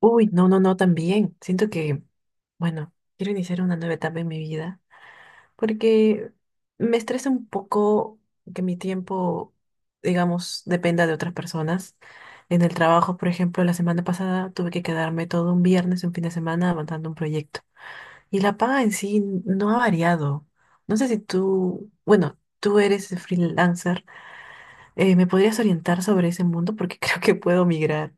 Uy, no, no, no, también. Siento que, bueno, quiero iniciar una nueva etapa en mi vida porque me estresa un poco que mi tiempo, digamos, dependa de otras personas. En el trabajo, por ejemplo, la semana pasada tuve que quedarme todo un viernes, un fin de semana, avanzando un proyecto. Y la paga en sí no ha variado. No sé si tú, bueno, tú eres freelancer, ¿me podrías orientar sobre ese mundo? Porque creo que puedo migrar.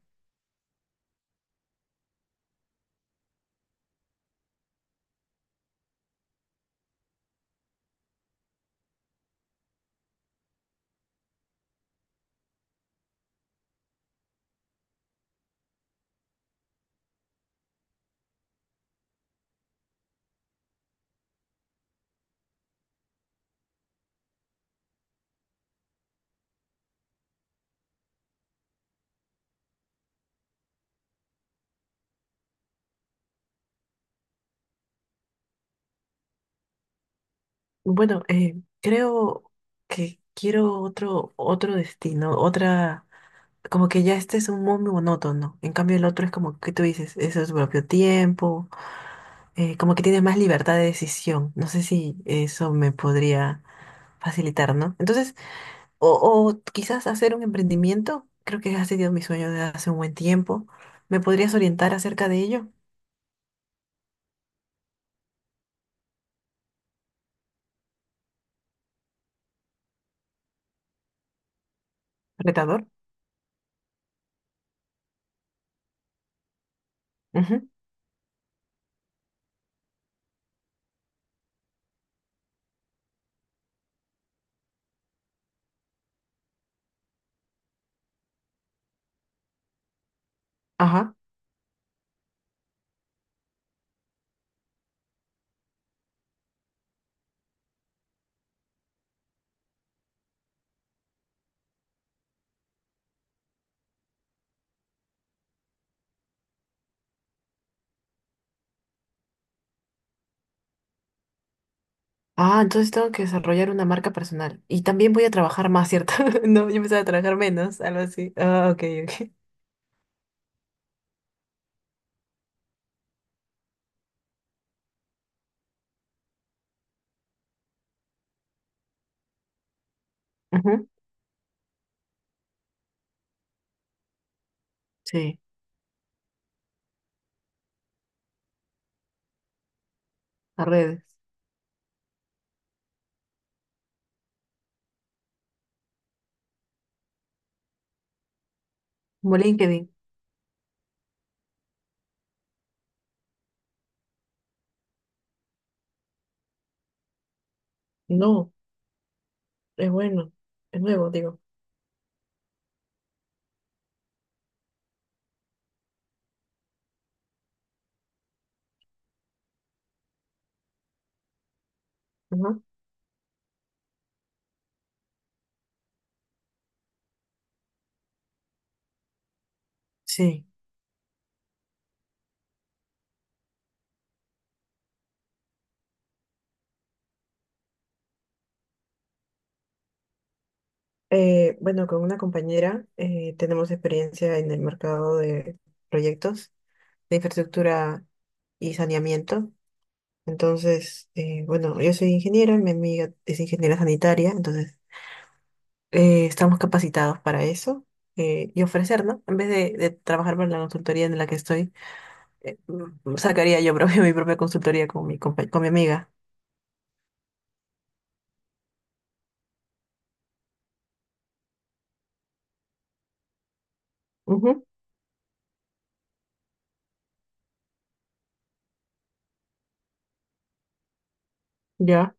Bueno, creo que quiero otro destino, otra, como que ya este es un muy monótono. En cambio, el otro es como que tú dices, eso es su propio tiempo, como que tienes más libertad de decisión. No sé si eso me podría facilitar, ¿no? Entonces, o, o quizás hacer un emprendimiento, creo que ha sido mi sueño desde hace un buen tiempo. ¿Me podrías orientar acerca de ello? Retador. Ujú. Ajá. Ah, entonces tengo que desarrollar una marca personal. Y también voy a trabajar más, ¿cierto? No, yo empezaba a trabajar menos, algo así. Ah, ok, ok. Ujú. Sí, a redes. Como LinkedIn. No, es bueno, es nuevo, digo. Ujú. Sí. Bueno, con una compañera tenemos experiencia en el mercado de proyectos de infraestructura y saneamiento. Entonces, bueno, yo soy ingeniera, mi amiga es ingeniera sanitaria, entonces estamos capacitados para eso y ofrecer, ¿no? En vez de, trabajar para la consultoría en la que estoy, sacaría yo propio mi propia consultoría con mi, con mi amiga. Ujú, ya,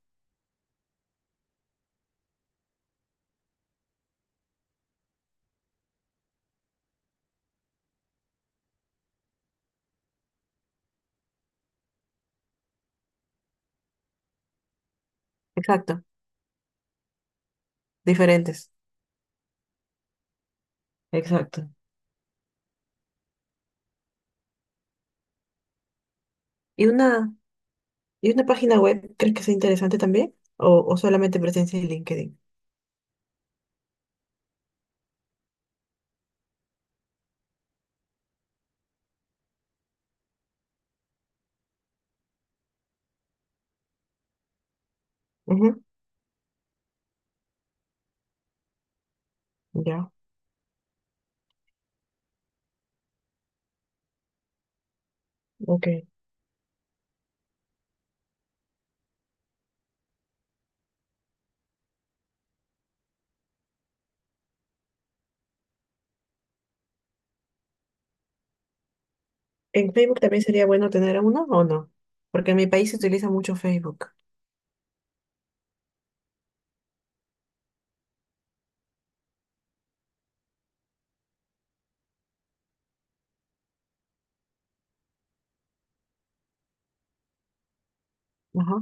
exacto, diferentes, exacto. ¿Y una, y una página web crees que sea interesante también? O solamente presencia en LinkedIn? Ujú, ya, ok. ¿En Facebook también sería bueno tener uno o no? Porque en mi país se utiliza mucho Facebook. Ajá,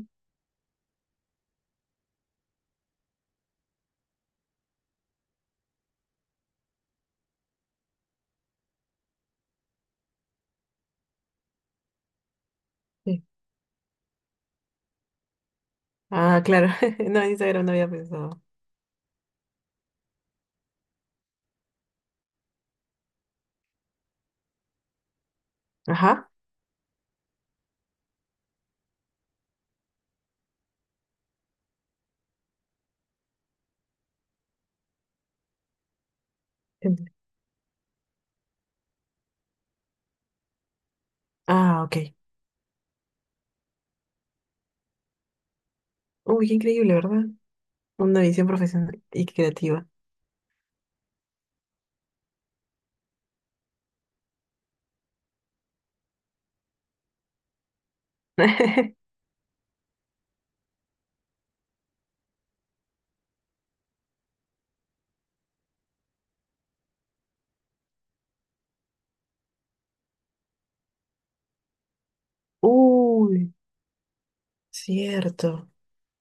sí. Ah, claro, no, en Instagram no había pensado. Ajá. Ah, ok. Uy, qué increíble, ¿verdad? Una visión profesional y creativa. Uy, cierto.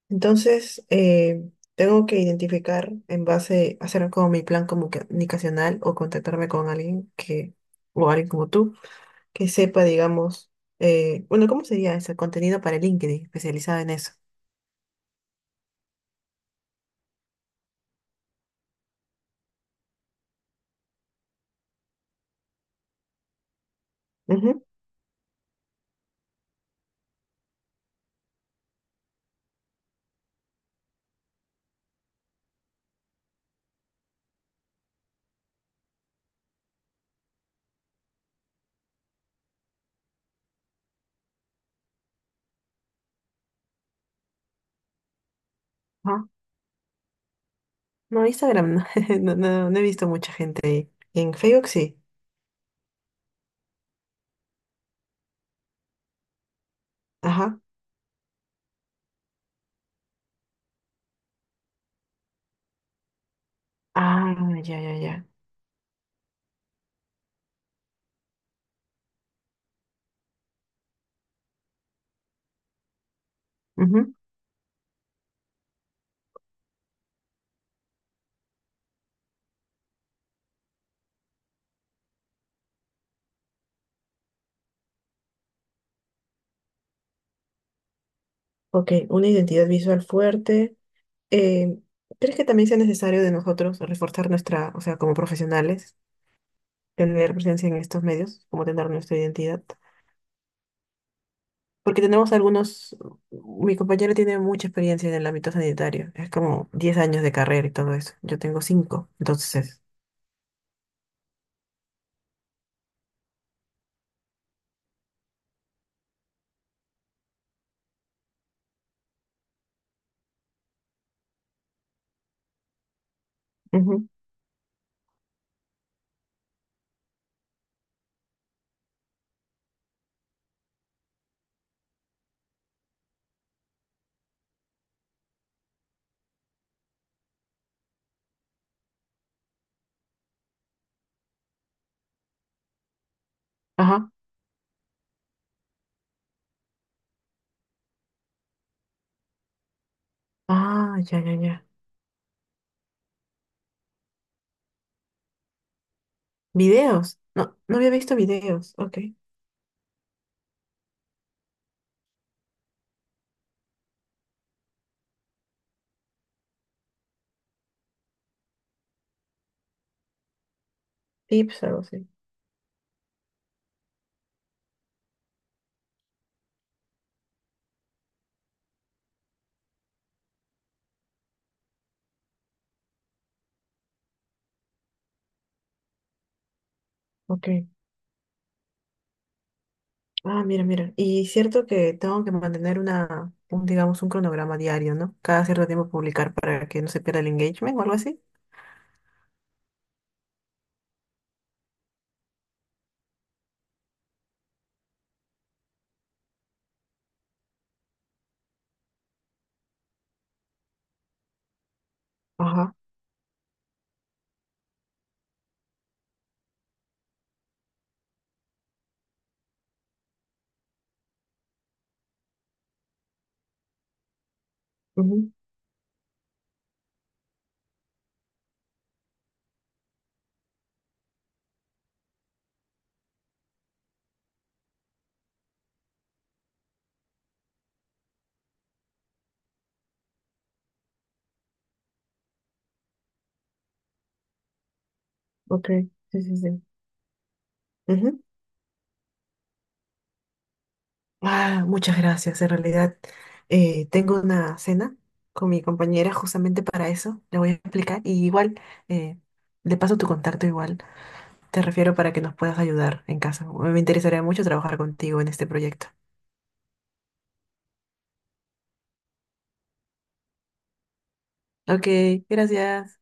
Entonces, tengo que identificar en base, hacer como mi plan comunicacional o contactarme con alguien que, o alguien como tú, que sepa, digamos, bueno, ¿cómo sería ese contenido para LinkedIn especializado en eso? Ujú, ajá. No, Instagram, no, no, no, no he visto mucha gente ahí. En Facebook sí. Ajá. Ah, ya, ya, ya. Ok, una identidad visual fuerte. Eh, ¿Crees que también sea necesario de nosotros reforzar nuestra, o sea, como profesionales, tener presencia en estos medios, como tener nuestra identidad? Porque tenemos algunos, mi compañero tiene mucha experiencia en el ámbito sanitario, es como 10 años de carrera y todo eso. Yo tengo 5. Entonces. Ujú, ajá. Ah, ya, ya, ya. Videos. No, no había visto videos. Ok. Tips, algo así. Ok. Ah, mira, mira. Y cierto que tengo que mantener una, un, digamos, un cronograma diario, ¿no? Cada cierto tiempo publicar para que no se pierda el engagement o algo así. Ajá. Ujú, ok. Sí, sí, sí. Ujú. Ah, muchas gracias. En realidad, tengo una cena con mi compañera justamente para eso. Le voy a explicar. Y igual, eh, le paso tu contacto igual. Te refiero para que nos puedas ayudar en casa. Me interesaría mucho trabajar contigo en este proyecto. Ok, gracias.